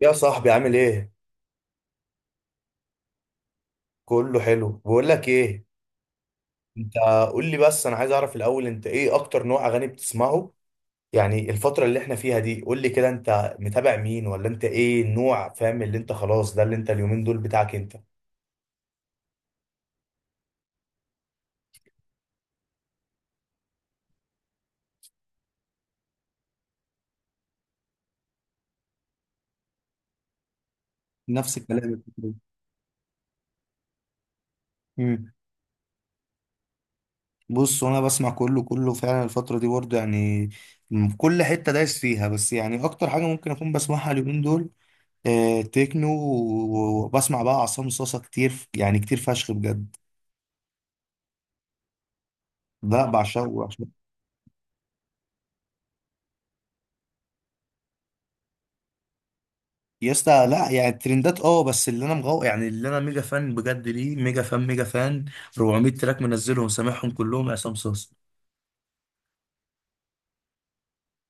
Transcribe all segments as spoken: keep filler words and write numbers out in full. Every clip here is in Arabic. يا صاحبي عامل ايه؟ كله حلو. بقول لك ايه، انت قول لي بس، انا عايز اعرف الاول انت ايه اكتر نوع اغاني بتسمعه. يعني الفترة اللي احنا فيها دي قول لي كده، انت متابع مين؟ ولا انت ايه النوع، فاهم اللي انت خلاص ده اللي انت اليومين دول بتاعك انت. نفس الكلام الفترة دي. مم. بص، وانا بسمع كله كله فعلا الفترة دي برضه يعني، م- كل حتة دايس فيها، بس يعني اكتر حاجة ممكن اكون بسمعها اليومين دول آه تكنو، و- وبسمع بقى عصام صاصا كتير، يعني كتير فشخ بجد. ده بعشقه. يا اسطى لا يعني الترندات، اه، بس اللي انا مغو، يعني اللي انا ميجا فان بجد، ليه؟ ميجا فان ميجا فان. أربعمية تراك منزلهم سامعهم كلهم عصام صاصا.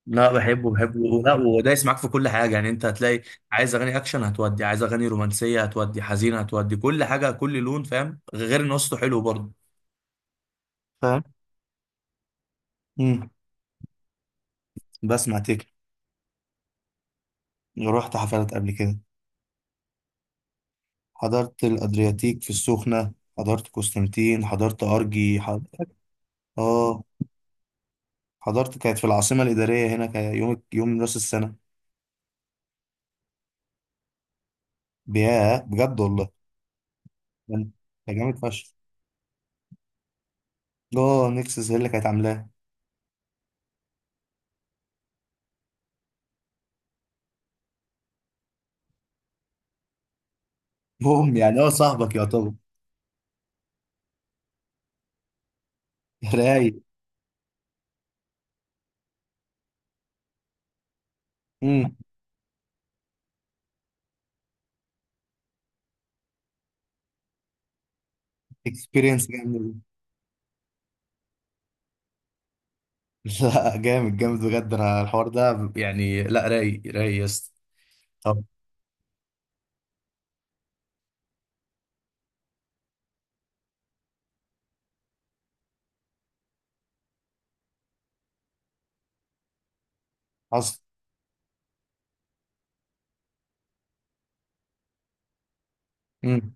لا، بحبه بحبه، ولا ودايس معاك في كل حاجه يعني، انت هتلاقي عايز اغاني اكشن هتودي، عايز اغاني رومانسيه هتودي، حزينه هتودي، كل حاجه كل لون، فاهم، غير ان وسطه حلو برضه. فاهم. امم بسمع تكن. رحت حفلات قبل كده. حضرت الادرياتيك في السخنه، حضرت قسطنطين، حضرت ارجي، حضرت. اه. حضرت، كانت في العاصمة الإدارية هنا، كان يوم، يوم راس السنة. بياه بجد والله. كان كان جامد فشخ. اه نكسس هي اللي كانت عاملاه. بوم، يعني هو صاحبك يعتبر. رايق. امم. اكسبيرينس جامد. لا جامد جامد بجد، انا الحوار ده يعني، لا رايق رايق يا اسطى. طب. حصل. امم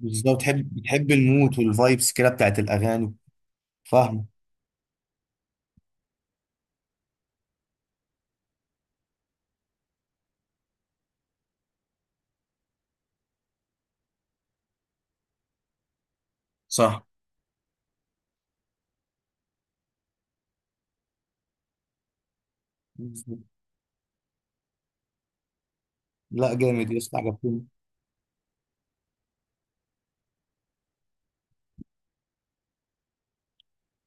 بالظبط، بتحب بتحب المود والفايبس كده بتاعت الأغاني. فاهم. صح. لا جامد يا اسطى، عجبتني.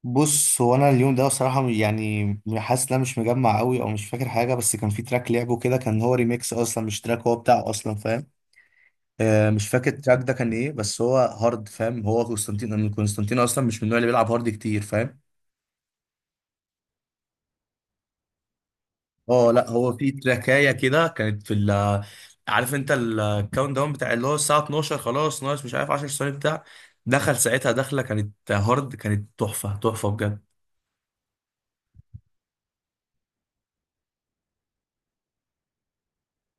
بص هو انا اليوم ده بصراحه، يعني حاسس ان انا مش مجمع قوي، او مش فاكر حاجه، بس كان في تراك لعبه كده، كان هو ريميكس اصلا، مش تراك هو بتاعه اصلا، فاهم. آه مش فاكر التراك ده كان ايه، بس هو هارد، فاهم. هو قسطنطين، من قسطنطين اصلا مش من النوع اللي بيلعب هارد كتير، فاهم. اه لا هو في تراكايه كده، كانت في ال عارف انت الكاونت داون بتاع اللي هو الساعه الثانية عشرة خلاص، ناقص مش عارف عشر ثواني، بتاع دخل ساعتها، دخله كانت هارد، كانت تحفه تحفه بجد.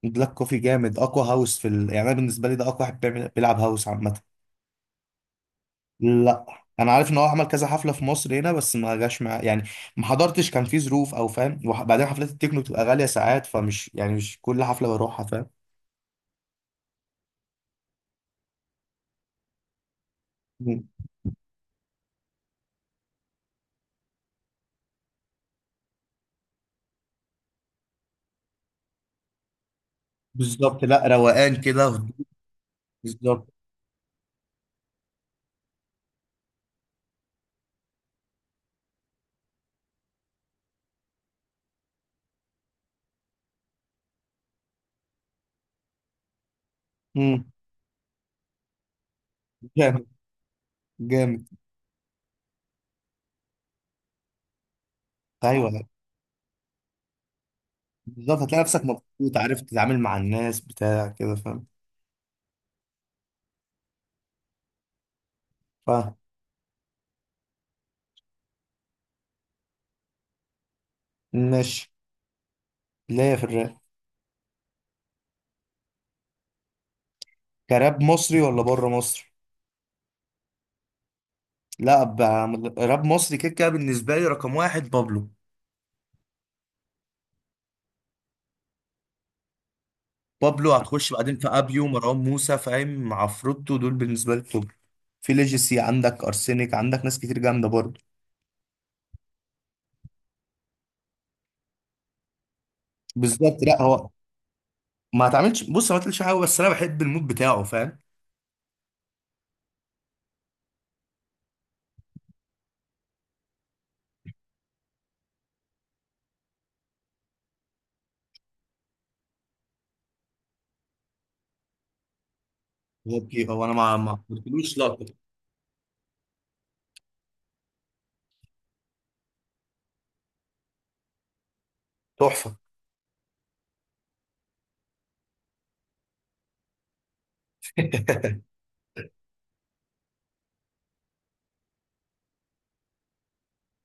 بلاك كوفي جامد، اقوى هاوس في ال... يعني انا بالنسبه لي ده اقوى واحد بيعمل، بيلعب هاوس عامه. لا. انا عارف ان هو عمل كذا حفله في مصر هنا، بس ما جاش مع، يعني ما حضرتش، كان في ظروف او فاهم، وبعدين حفلات التكنو بتبقى غاليه ساعات، فمش يعني مش كل حفله بروحها، فاهم. مم. بالظبط، لا روقان كده، هدوء. بالظبط. امم جامد جامد. ايوه. بالظبط هتلاقي نفسك مبسوط، عارف تتعامل مع الناس بتاع كده، فاهم. فاهم. ماشي. ليه في الراب؟ كراب مصري ولا بره مصر؟ لا ب- راب مصري كده كده بالنسبه لي رقم واحد بابلو. بابلو، هتخش بعدين في ابيو، مروان موسى، فاهم، عفروتو، دول بالنسبه لي التوب. في ليجيسي، عندك ارسينيك، عندك ناس كتير جامده برضه. بالظبط، لا هو ما اتعملش، بص ما اتقالش حاجه، بس انا بحب المود بتاعه، فاهم. هو بي- هو انا ما ما قلتلوش لا. تحفه.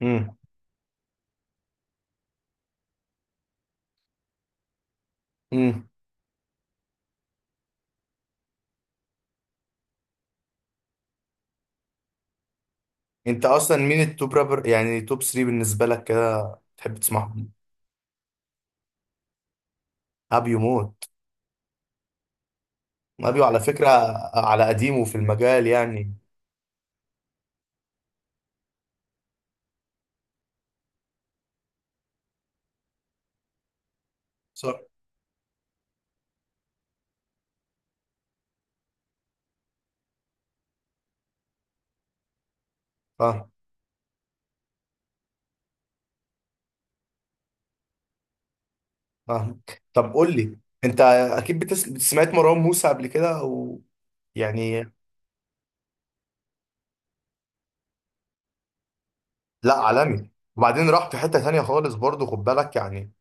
امم امم انت اصلا مين التوب رابر؟ يعني توب تري بالنسبه لك كده تحب تسمعهم. ابيو موت. ابيو على فكره على قديمه في المجال يعني. صح. اه. فاهمك، طب قول لي، انت اكيد بتس... سمعت مروان موسى قبل كده و... يعني. لا عالمي، وبعدين راح في حته تانيه خالص برضه، خد بالك يعني.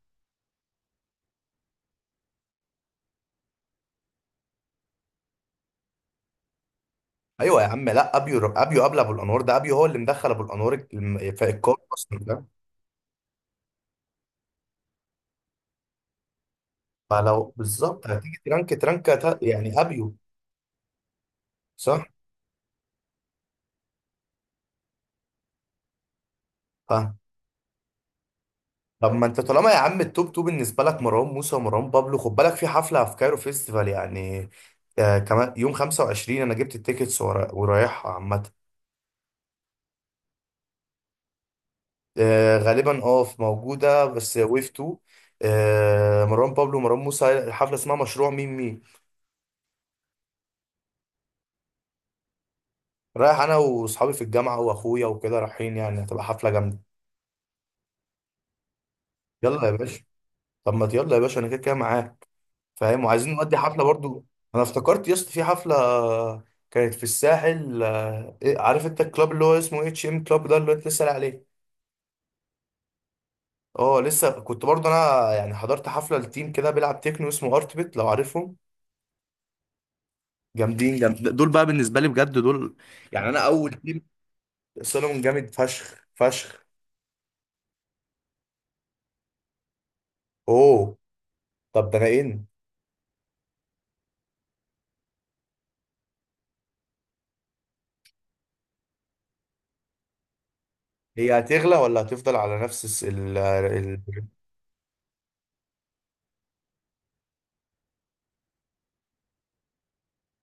ايوه يا عم، لا ابيو، ابيو قبل ابو الانوار، ده ابيو هو اللي مدخل ابو الانوار الم- في الكار اصلا ده. فلو بالظبط هتيجي ترانك ترانك هت- يعني ابيو. صح. فاهم. طب ما انت طالما يا عم التوب تو بالنسبه لك مروان موسى ومروان بابلو، خد بالك في حفله في كايرو فيستيفال يعني. آه، كمان يوم خمسة وعشرين انا جبت التيكتس ورا- ورايحها عامه. آه غالبا اه في موجودة، بس ويف تو. آه مروان بابلو ومروان موسى، حفلة اسمها مشروع ميم ميم. رايح انا واصحابي في الجامعة واخويا وكده رايحين، يعني هتبقى حفلة جامدة. يلا يا باشا. طب ما يلا يا باشا، انا كده كده معاك، فاهم، وعايزين نودي حفلة برضو. انا افتكرت يا اسطى في حفلة كانت في الساحل، آه إيه، عارف انت الكلاب اللي هو اسمه اتش ام كلاب ده اللي انت لسه قايل عليه. اه لسه، كنت برضو انا يعني حضرت حفلة لتيم كده بيلعب تكنو، اسمه ارت بيت، لو عارفهم. جامدين، جامد دول بقى بالنسبه لي بجد دول، يعني انا اول تيم. سولomon جامد فشخ فشخ. اوه. طب ده انا ان، هي هتغلى ولا هتفضل على نفس الس- ال ال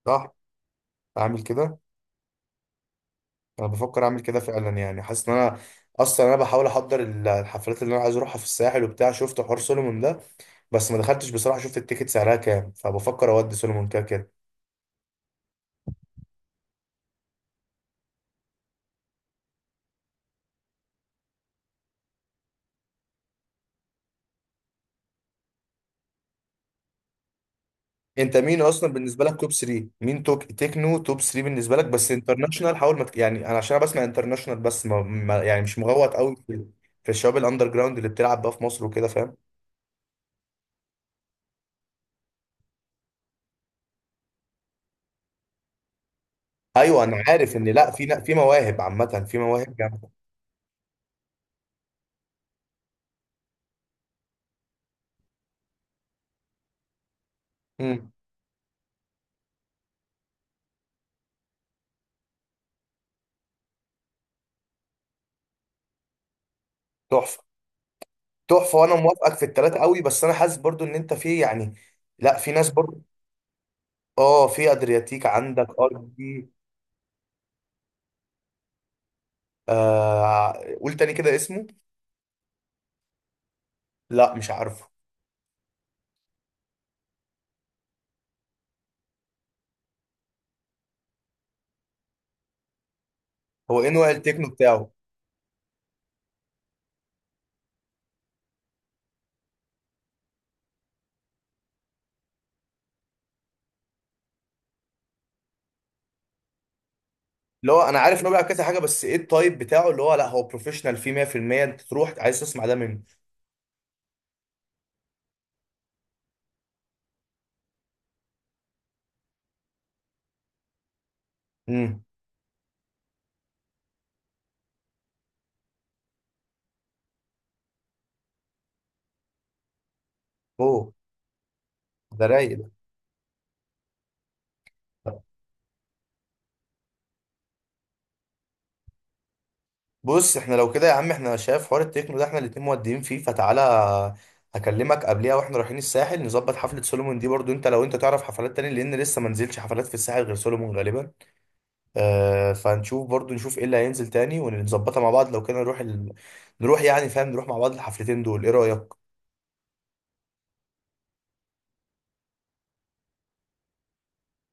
صح. اعمل كده. انا بفكر اعمل كده فعلا، يعني حاسس ان انا اصلا انا بحاول احضر ال- الحفلات اللي انا عايز اروحها في الساحل وبتاع، شفت حوار سولومون ده. بس ما دخلتش بصراحه، شفت التيكت سعرها كام، فبفكر اودي سولومون كده كده. انت مين اصلا بالنسبه لك توب تري مين؟ توك تكنو توب تري بالنسبه لك بس، انترناشونال، حاول ما تك- يعني انا عشان انا بسمع انترناشونال بس، ما ما يعني مش مغوط قوي في في الشباب الاندر جراوند اللي بتلعب بقى في مصر وكده، فاهم. ايوه انا عارف ان لا في لا في مواهب، عامه في مواهب جامده. امم. تحفه. تحفه، وانا موافقك في الثلاثه قوي، بس انا حاسس برضو ان انت في يعني لا في ناس برضو. اه، في ادرياتيك، عندك ار بي. آه. قول تاني كده اسمه. لا مش عارفه. هو ايه نوع التكنو بتاعه؟ اللي هو انا عارف ان هو بيلعب كذا حاجه، بس ايه التايب بتاعه اللي هو لا هو بروفيشنال فيه مية في المية؟ انت تروح عايز تسمع ده منه. امم. اوه. ده رايق ده. بص احنا لو كده يا عم، احنا شايف حوار التكنو ده، احنا الاتنين مودين فيه، فتعالى هكلمك قبليها، واحنا رايحين الساحل نظبط حفلة سولومون دي برضو، انت لو انت تعرف حفلات تاني، لان لسه ما نزلش حفلات في الساحل غير سولومون غالبا. آه، فنشوف برضو نشوف ايه اللي هينزل تاني، ونظبطها مع بعض، لو كده نروح ال... نروح يعني فاهم نروح مع بعض الحفلتين دول، ايه رأيك؟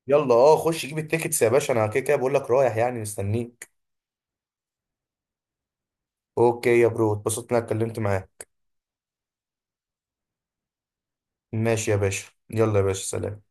يلا. اه خش جيب التيكتس يا باشا، انا كده كده بقول لك رايح، يعني مستنيك. اوكي يا برو، اتبسطت اني اتكلمت معاك. ماشي يا باشا، يلا يا باشا سلام.